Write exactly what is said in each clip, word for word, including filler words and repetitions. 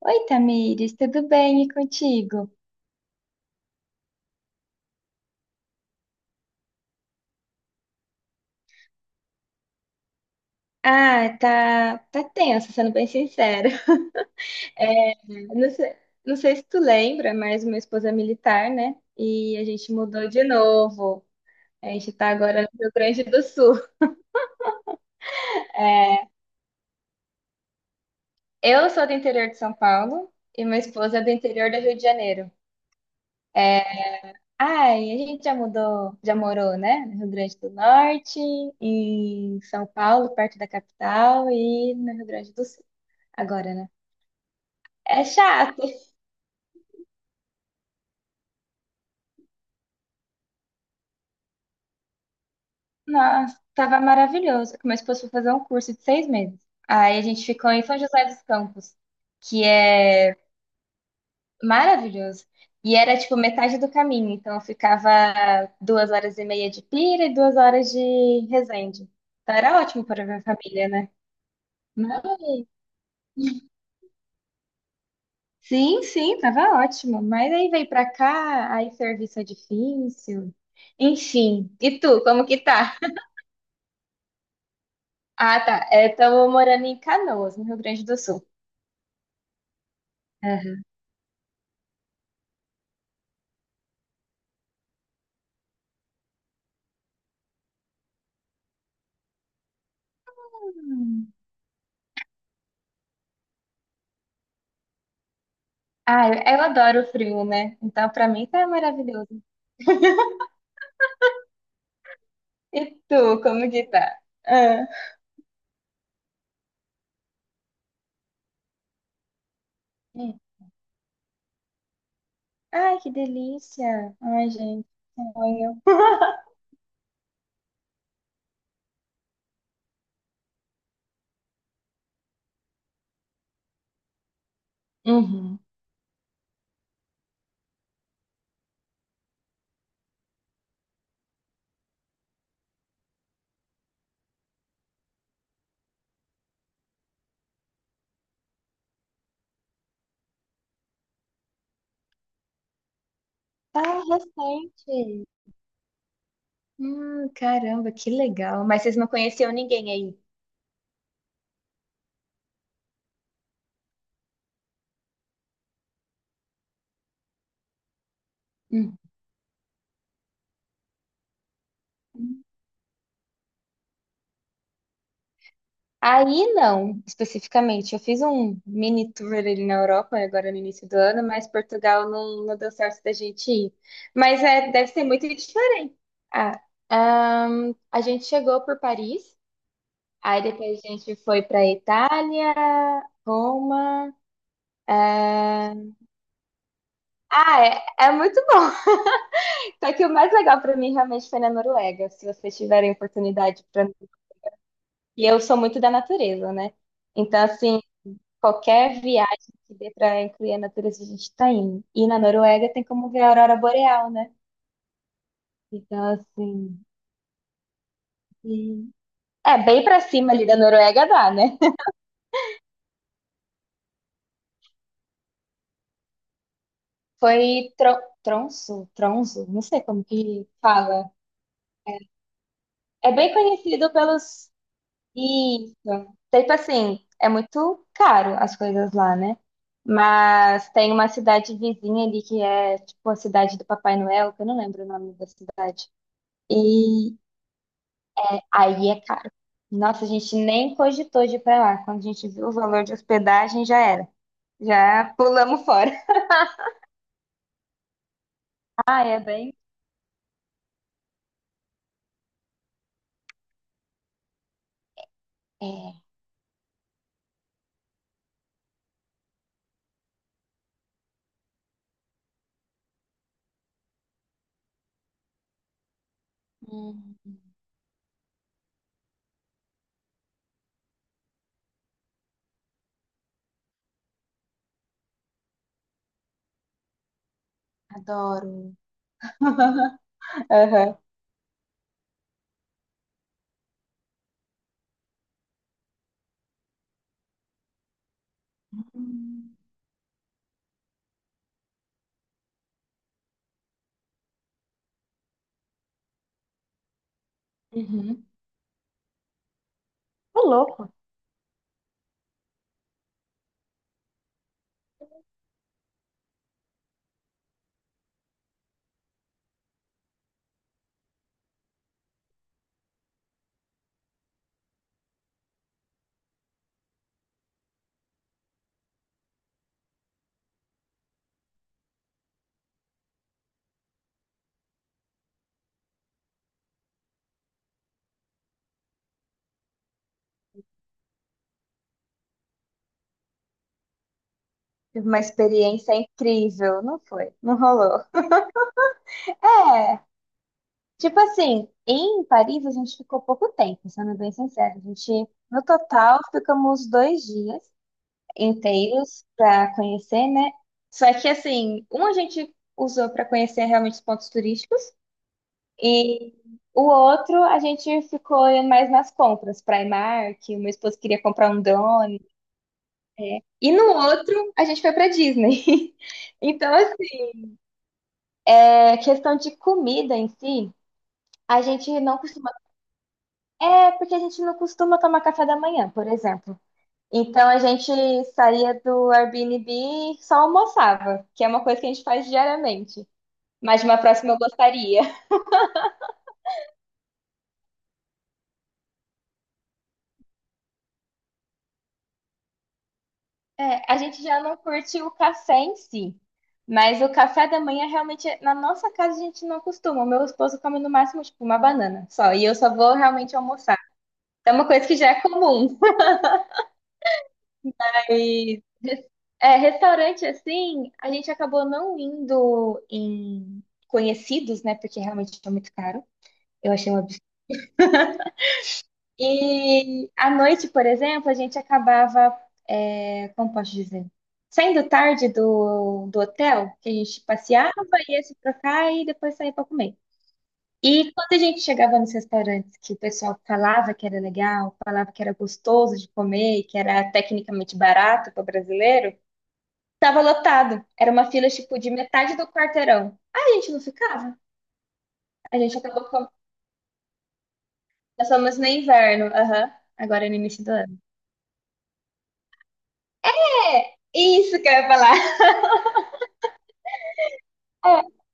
Oi, Tamires, tudo bem e contigo? Ah, tá, tá tenso, sendo bem sincera. É, não sei, não sei se tu lembra, mas minha esposa é militar, né? E a gente mudou de novo. A gente tá agora no Rio Grande do Sul. Eu sou do interior de São Paulo e minha esposa é do interior do Rio de Janeiro. Ai, a gente já mudou, já morou, né? No Rio Grande do Norte, em São Paulo, perto da capital, e no Rio Grande do Sul, agora, né? É chato. Nossa, tava maravilhoso. Que Meu esposo foi fazer um curso de seis meses. Aí a gente ficou em São José dos Campos, que é maravilhoso. E era tipo metade do caminho, então eu ficava duas horas e meia de Pira e duas horas de Resende. Então era ótimo para minha família, né? Mas sim, sim, tava ótimo. Mas aí veio pra cá, aí serviço é difícil. Enfim, e tu, como que tá? Ah, tá. Estamos morando em Canoas, no Rio Grande do Sul. Aham. Ah, eu eu adoro frio, né? Então, pra mim tá maravilhoso. E tu, como que tá? Ah, é. Ai, que delícia! Ai, gente, sonho. Uhum. Ah, recente. Hum, caramba, que legal. Mas vocês não conheciam ninguém aí? Hum. Aí não, especificamente. Eu fiz um mini tour ali na Europa, agora no início do ano, mas Portugal não, não deu certo da gente ir. Mas é, deve ser muito diferente. Ah, ahn, a gente chegou por Paris, aí depois a gente foi para Itália, Roma. Ah, ah, é, é muito bom. Só que o mais legal para mim realmente foi na Noruega, se vocês tiverem oportunidade para. E eu sou muito da natureza, né? Então, assim, qualquer viagem que dê para incluir a natureza, a gente tá indo. E na Noruega tem como ver a aurora boreal, né? Então, assim. e- É, bem pra cima ali da Noruega dá, né? Foi Tro- Tronso, Tronso, não sei como que fala. É bem conhecido pelos. Isso. Tipo assim, é muito caro as coisas lá, né? Mas tem uma cidade vizinha ali que é tipo a cidade do Papai Noel, que eu não lembro o nome da cidade. E aí é caro. Nossa, a gente nem cogitou de ir pra lá. Quando a gente viu o valor de hospedagem, já era. Já pulamos fora. Ah, é bem. É. Hum, adoro. Aham. Uhum. Ô, louco. Tive uma experiência incrível, não foi? Não rolou. É, tipo assim, em Paris a gente ficou pouco tempo, sendo bem sincero. A gente, no total, ficamos dois dias inteiros para conhecer, né? Só que assim, um a gente usou para conhecer realmente os pontos turísticos, e o outro a gente ficou mais nas compras, Primark, o meu esposo queria comprar um drone, e no outro a gente foi para Disney. Então, assim, é questão de comida em si, a gente não costuma. É porque a gente não costuma tomar café da manhã, por exemplo. Então a gente saía do Airbnb e só almoçava, que é uma coisa que a gente faz diariamente. Mas de uma próxima eu gostaria. É, a gente já não curte o café em si, mas o café da manhã realmente, na nossa casa, a gente não costuma. O meu esposo come no máximo, tipo, uma banana só, e eu só vou realmente almoçar. Então, é uma coisa que já é comum. E é, restaurante assim, a gente acabou não indo em conhecidos, né? Porque realmente é muito caro. Eu achei um absurdo. E à noite, por exemplo, a gente acabava, é, como posso dizer, saindo tarde do, do hotel, que a gente passeava, ia se trocar e depois saía para comer. E quando a gente chegava nos restaurantes que o pessoal falava que era legal, falava que era gostoso de comer, e que era tecnicamente barato para brasileiro, tava lotado. Era uma fila tipo de metade do quarteirão. Aí a gente não ficava. A gente acabou com... Nós fomos no inverno, aham, agora é no início do ano. É, isso que eu ia falar.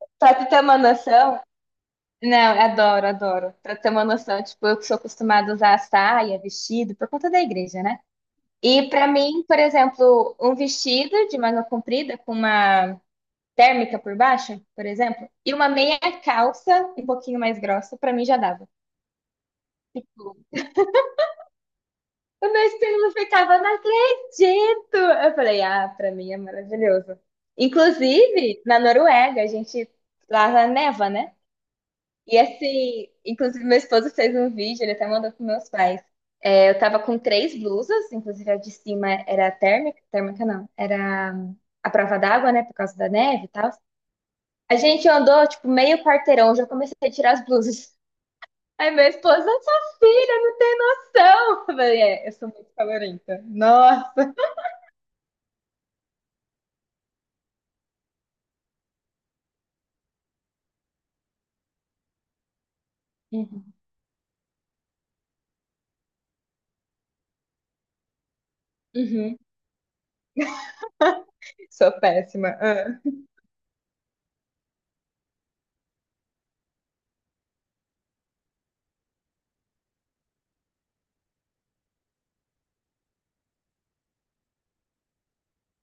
Só pra ter uma noção, não, eu adoro, adoro. Pra ter uma noção, tipo, eu que sou acostumada a usar saia, vestido, por conta da igreja, né? E pra mim, por exemplo, um vestido de manga comprida com uma térmica por baixo, por exemplo, e uma meia calça um pouquinho mais grossa, pra mim já dava. O meu estilo ficava, não acredito! Eu falei, ah, pra mim é maravilhoso. Inclusive, na Noruega, a gente lá neva, né? E assim, inclusive meu esposo fez um vídeo, ele até mandou para meus pais. É, eu tava com três blusas, inclusive a de cima era térmica, térmica não, era hum, a prova d'água, né, por causa da neve e tal. A gente andou, tipo, meio quarteirão, já comecei a tirar as blusas. Aí meu esposo, sua filha, não tem noção. Eu falei, é, eu sou muito calorenta. Nossa. Uhum. Uhum. Sou péssima. Ah.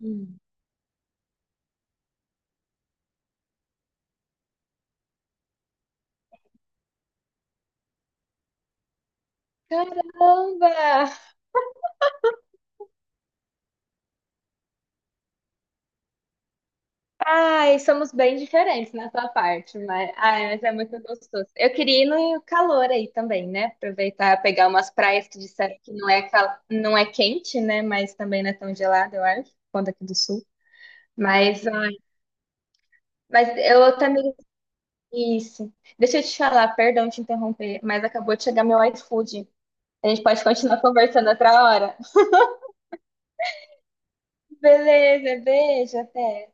Uhum. Caramba! Ai, somos bem diferentes nessa parte, mas, ai, mas é muito gostoso. Eu queria ir no calor aí também, né? Aproveitar, pegar umas praias que disseram que não é, cal... não é quente, né? Mas também não é tão gelada, eu acho, quando aqui do sul. Mas, ai, mas eu também. Isso. Deixa eu te falar, perdão te interromper, mas acabou de chegar meu iFood. A gente pode continuar conversando outra hora. Beleza, beijo, até.